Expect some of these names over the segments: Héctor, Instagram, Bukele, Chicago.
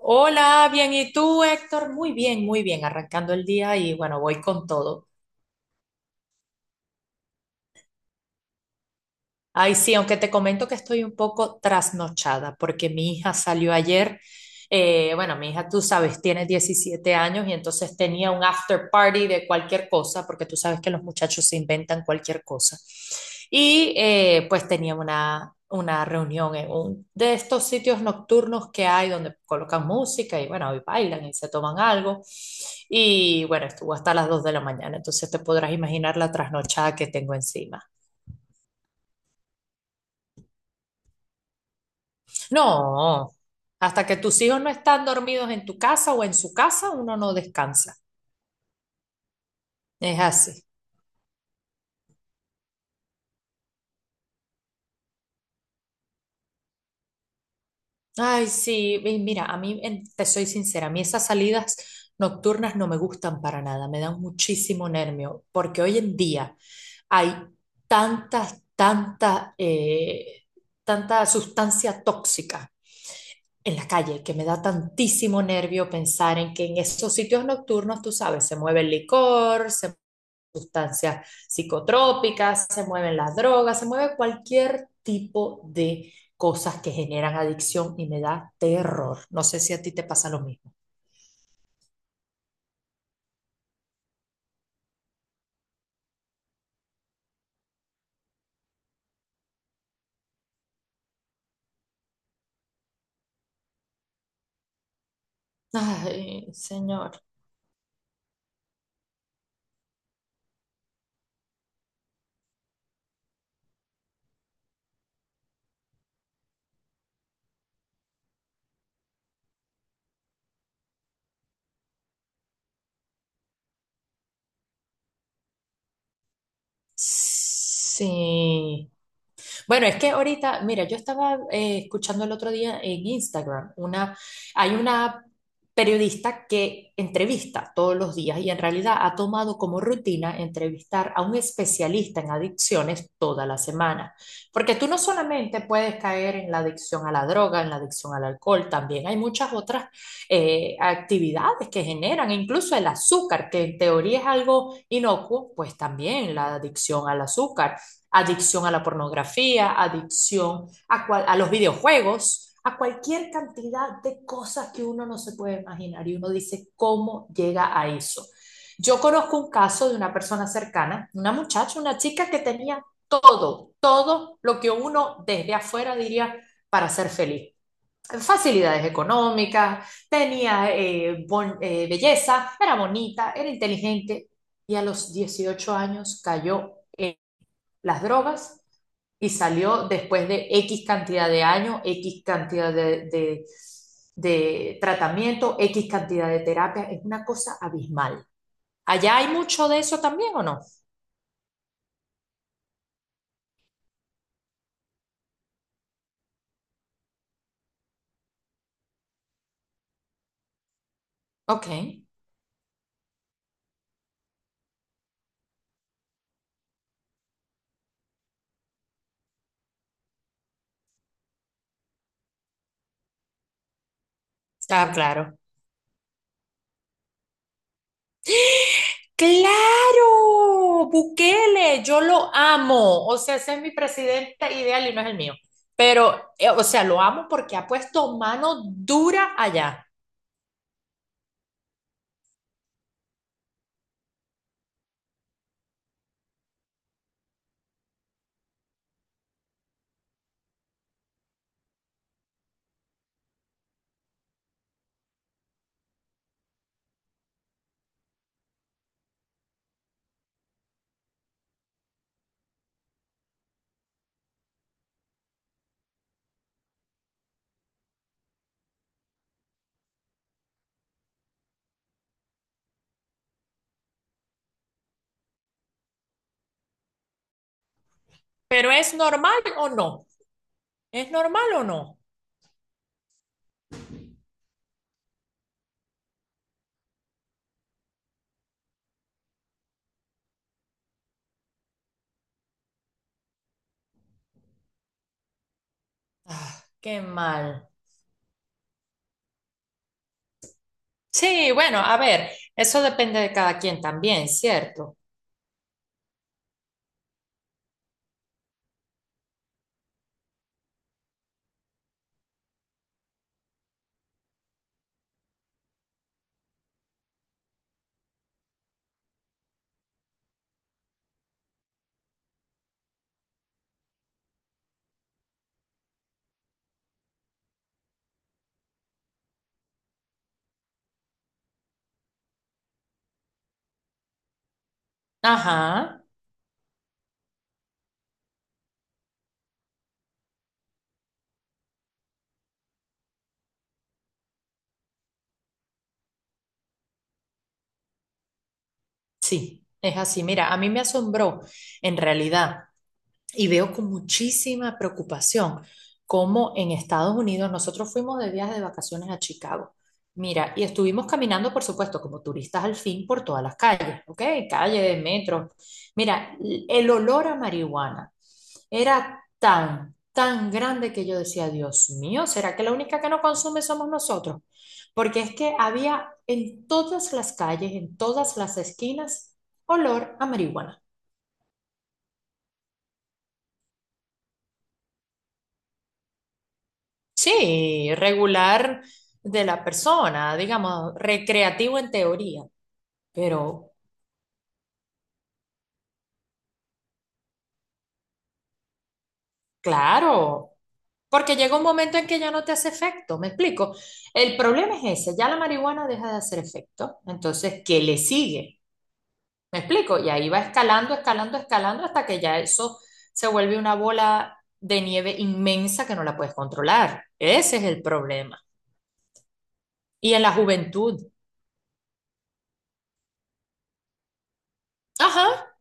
Hola, bien, ¿y tú, Héctor? Muy bien, arrancando el día y bueno, voy con todo. Ay, sí, aunque te comento que estoy un poco trasnochada porque mi hija salió ayer. Bueno, Mi hija, tú sabes, tiene 17 años y entonces tenía un after party de cualquier cosa, porque tú sabes que los muchachos se inventan cualquier cosa. Y pues tenía una reunión en un de estos sitios nocturnos que hay donde colocan música y bueno, y bailan y se toman algo. Y bueno, estuvo hasta las 2 de la mañana, entonces te podrás imaginar la trasnochada que tengo encima. No, hasta que tus hijos no están dormidos en tu casa o en su casa, uno no descansa. Es así. Ay, sí, y mira, a mí, te soy sincera, a mí esas salidas nocturnas no me gustan para nada, me dan muchísimo nervio, porque hoy en día hay tantas, tantas, eh, tanta sustancia tóxica en la calle que me da tantísimo nervio pensar en que en esos sitios nocturnos, tú sabes, se mueve el licor, se sustancias psicotrópicas, se mueven las drogas, se mueve cualquier tipo de cosas que generan adicción y me da terror. No sé si a ti te pasa lo mismo. Ay, señor. Sí. Bueno, es que ahorita, mira, yo estaba escuchando el otro día en Instagram, hay una periodista que entrevista todos los días y en realidad ha tomado como rutina entrevistar a un especialista en adicciones toda la semana. Porque tú no solamente puedes caer en la adicción a la droga, en la adicción al alcohol, también hay muchas otras actividades que generan, incluso el azúcar, que en teoría es algo inocuo, pues también la adicción al azúcar adicción a la pornografía, adicción a, cual, a los videojuegos, a cualquier cantidad de cosas que uno no se puede imaginar y uno dice, ¿cómo llega a eso? Yo conozco un caso de una persona cercana, una muchacha, una chica que tenía todo, todo lo que uno desde afuera diría para ser feliz. Facilidades económicas, tenía belleza, era bonita, era inteligente y a los 18 años cayó las drogas y salió después de X cantidad de años, X cantidad de tratamiento, X cantidad de terapia. Es una cosa abismal. ¿Allá hay mucho de eso también o no? Ok. Ah, claro. Claro, Bukele, yo lo amo. O sea, ese es mi presidente ideal y no es el mío. Pero, o sea, lo amo porque ha puesto mano dura allá. Pero, ¿es normal o no? ¿Es normal o no? Ah, qué mal. Sí, bueno, a ver, eso depende de cada quien también, ¿cierto? Ajá, sí, es así. Mira, a mí me asombró en realidad y veo con muchísima preocupación cómo en Estados Unidos nosotros fuimos de viaje de vacaciones a Chicago. Mira, y estuvimos caminando, por supuesto, como turistas al fin por todas las calles, ¿ok? Calles, metros. Mira, el olor a marihuana era tan, tan grande que yo decía, Dios mío, ¿será que la única que no consume somos nosotros? Porque es que había en todas las calles, en todas las esquinas, olor a marihuana. Sí, regular de la persona, digamos, recreativo en teoría, pero claro, porque llega un momento en que ya no te hace efecto, ¿me explico? El problema es ese, ya la marihuana deja de hacer efecto, entonces, ¿qué le sigue? ¿Me explico? Y ahí va escalando, escalando, escalando hasta que ya eso se vuelve una bola de nieve inmensa que no la puedes controlar. Ese es el problema. Y en la juventud, ajá,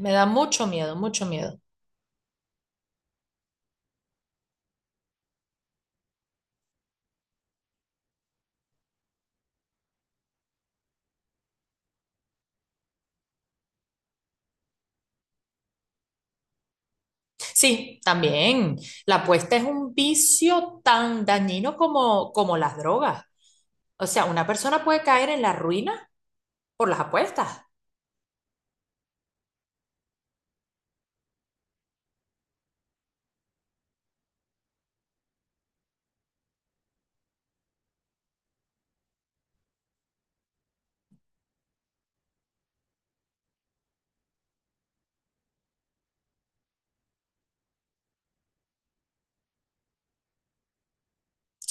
me da mucho miedo, mucho miedo. Sí, también. La apuesta es un vicio tan dañino como, como las drogas. O sea, una persona puede caer en la ruina por las apuestas.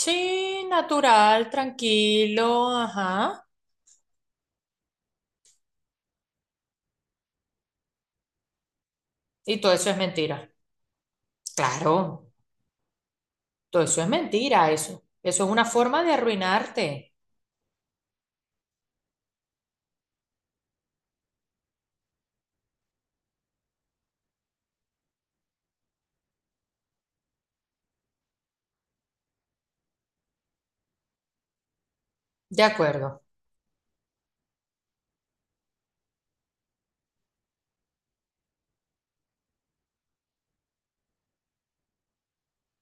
Sí, natural, tranquilo, ajá. Y todo eso es mentira. Claro, todo eso es mentira, eso. Eso es una forma de arruinarte. De acuerdo,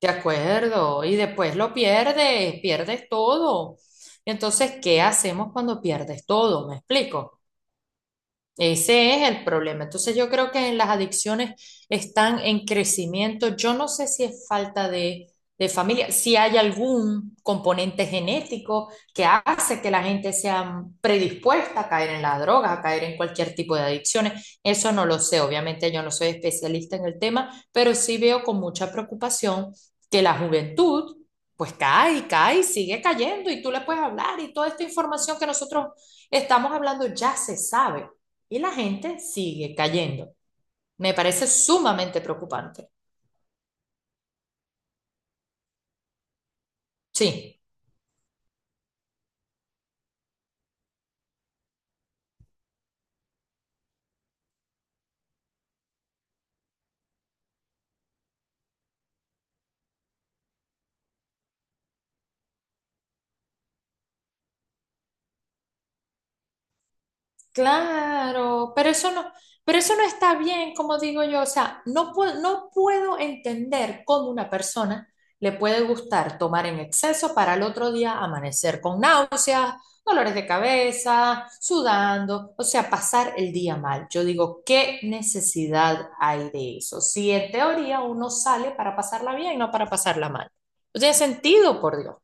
de acuerdo. Y después lo pierdes, pierdes todo. Entonces, ¿qué hacemos cuando pierdes todo? ¿Me explico? Ese es el problema. Entonces yo creo que las adicciones están en crecimiento. Yo no sé si es falta de familia, si hay algún componente genético que hace que la gente sea predispuesta a caer en la droga, a caer en cualquier tipo de adicciones. Eso no lo sé. Obviamente yo no soy especialista en el tema, pero sí veo con mucha preocupación que la juventud pues cae y cae y sigue cayendo y tú le puedes hablar y toda esta información que nosotros estamos hablando ya se sabe y la gente sigue cayendo. Me parece sumamente preocupante. Sí, claro, pero eso no está bien, como digo yo. O sea, no puedo, no puedo entender cómo una persona le puede gustar tomar en exceso para el otro día amanecer con náuseas, dolores de cabeza, sudando, o sea, pasar el día mal. Yo digo, ¿qué necesidad hay de eso? Si en teoría uno sale para pasarla bien, no para pasarla mal. No tiene sentido, por Dios.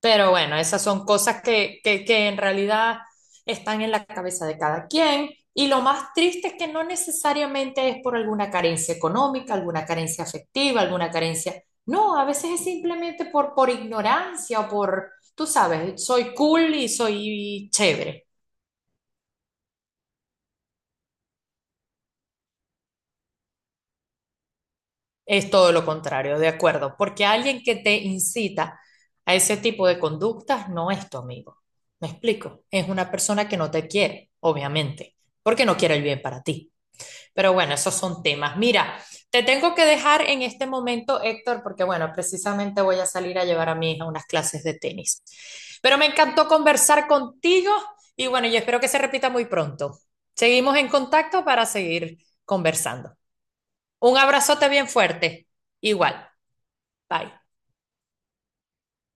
Pero bueno, esas son cosas que en realidad están en la cabeza de cada quien. Y lo más triste es que no necesariamente es por alguna carencia económica, alguna carencia afectiva, alguna carencia... No, a veces es simplemente por ignorancia o por, tú sabes, soy cool y soy chévere. Es todo lo contrario, de acuerdo, porque alguien que te incita a ese tipo de conductas no es tu amigo. ¿Me explico? Es una persona que no te quiere, obviamente, porque no quiere el bien para ti. Pero bueno, esos son temas. Mira, te tengo que dejar en este momento, Héctor, porque bueno, precisamente voy a salir a llevar a mi hija a unas clases de tenis. Pero me encantó conversar contigo y bueno, yo espero que se repita muy pronto. Seguimos en contacto para seguir conversando. Un abrazote bien fuerte. Igual. Bye.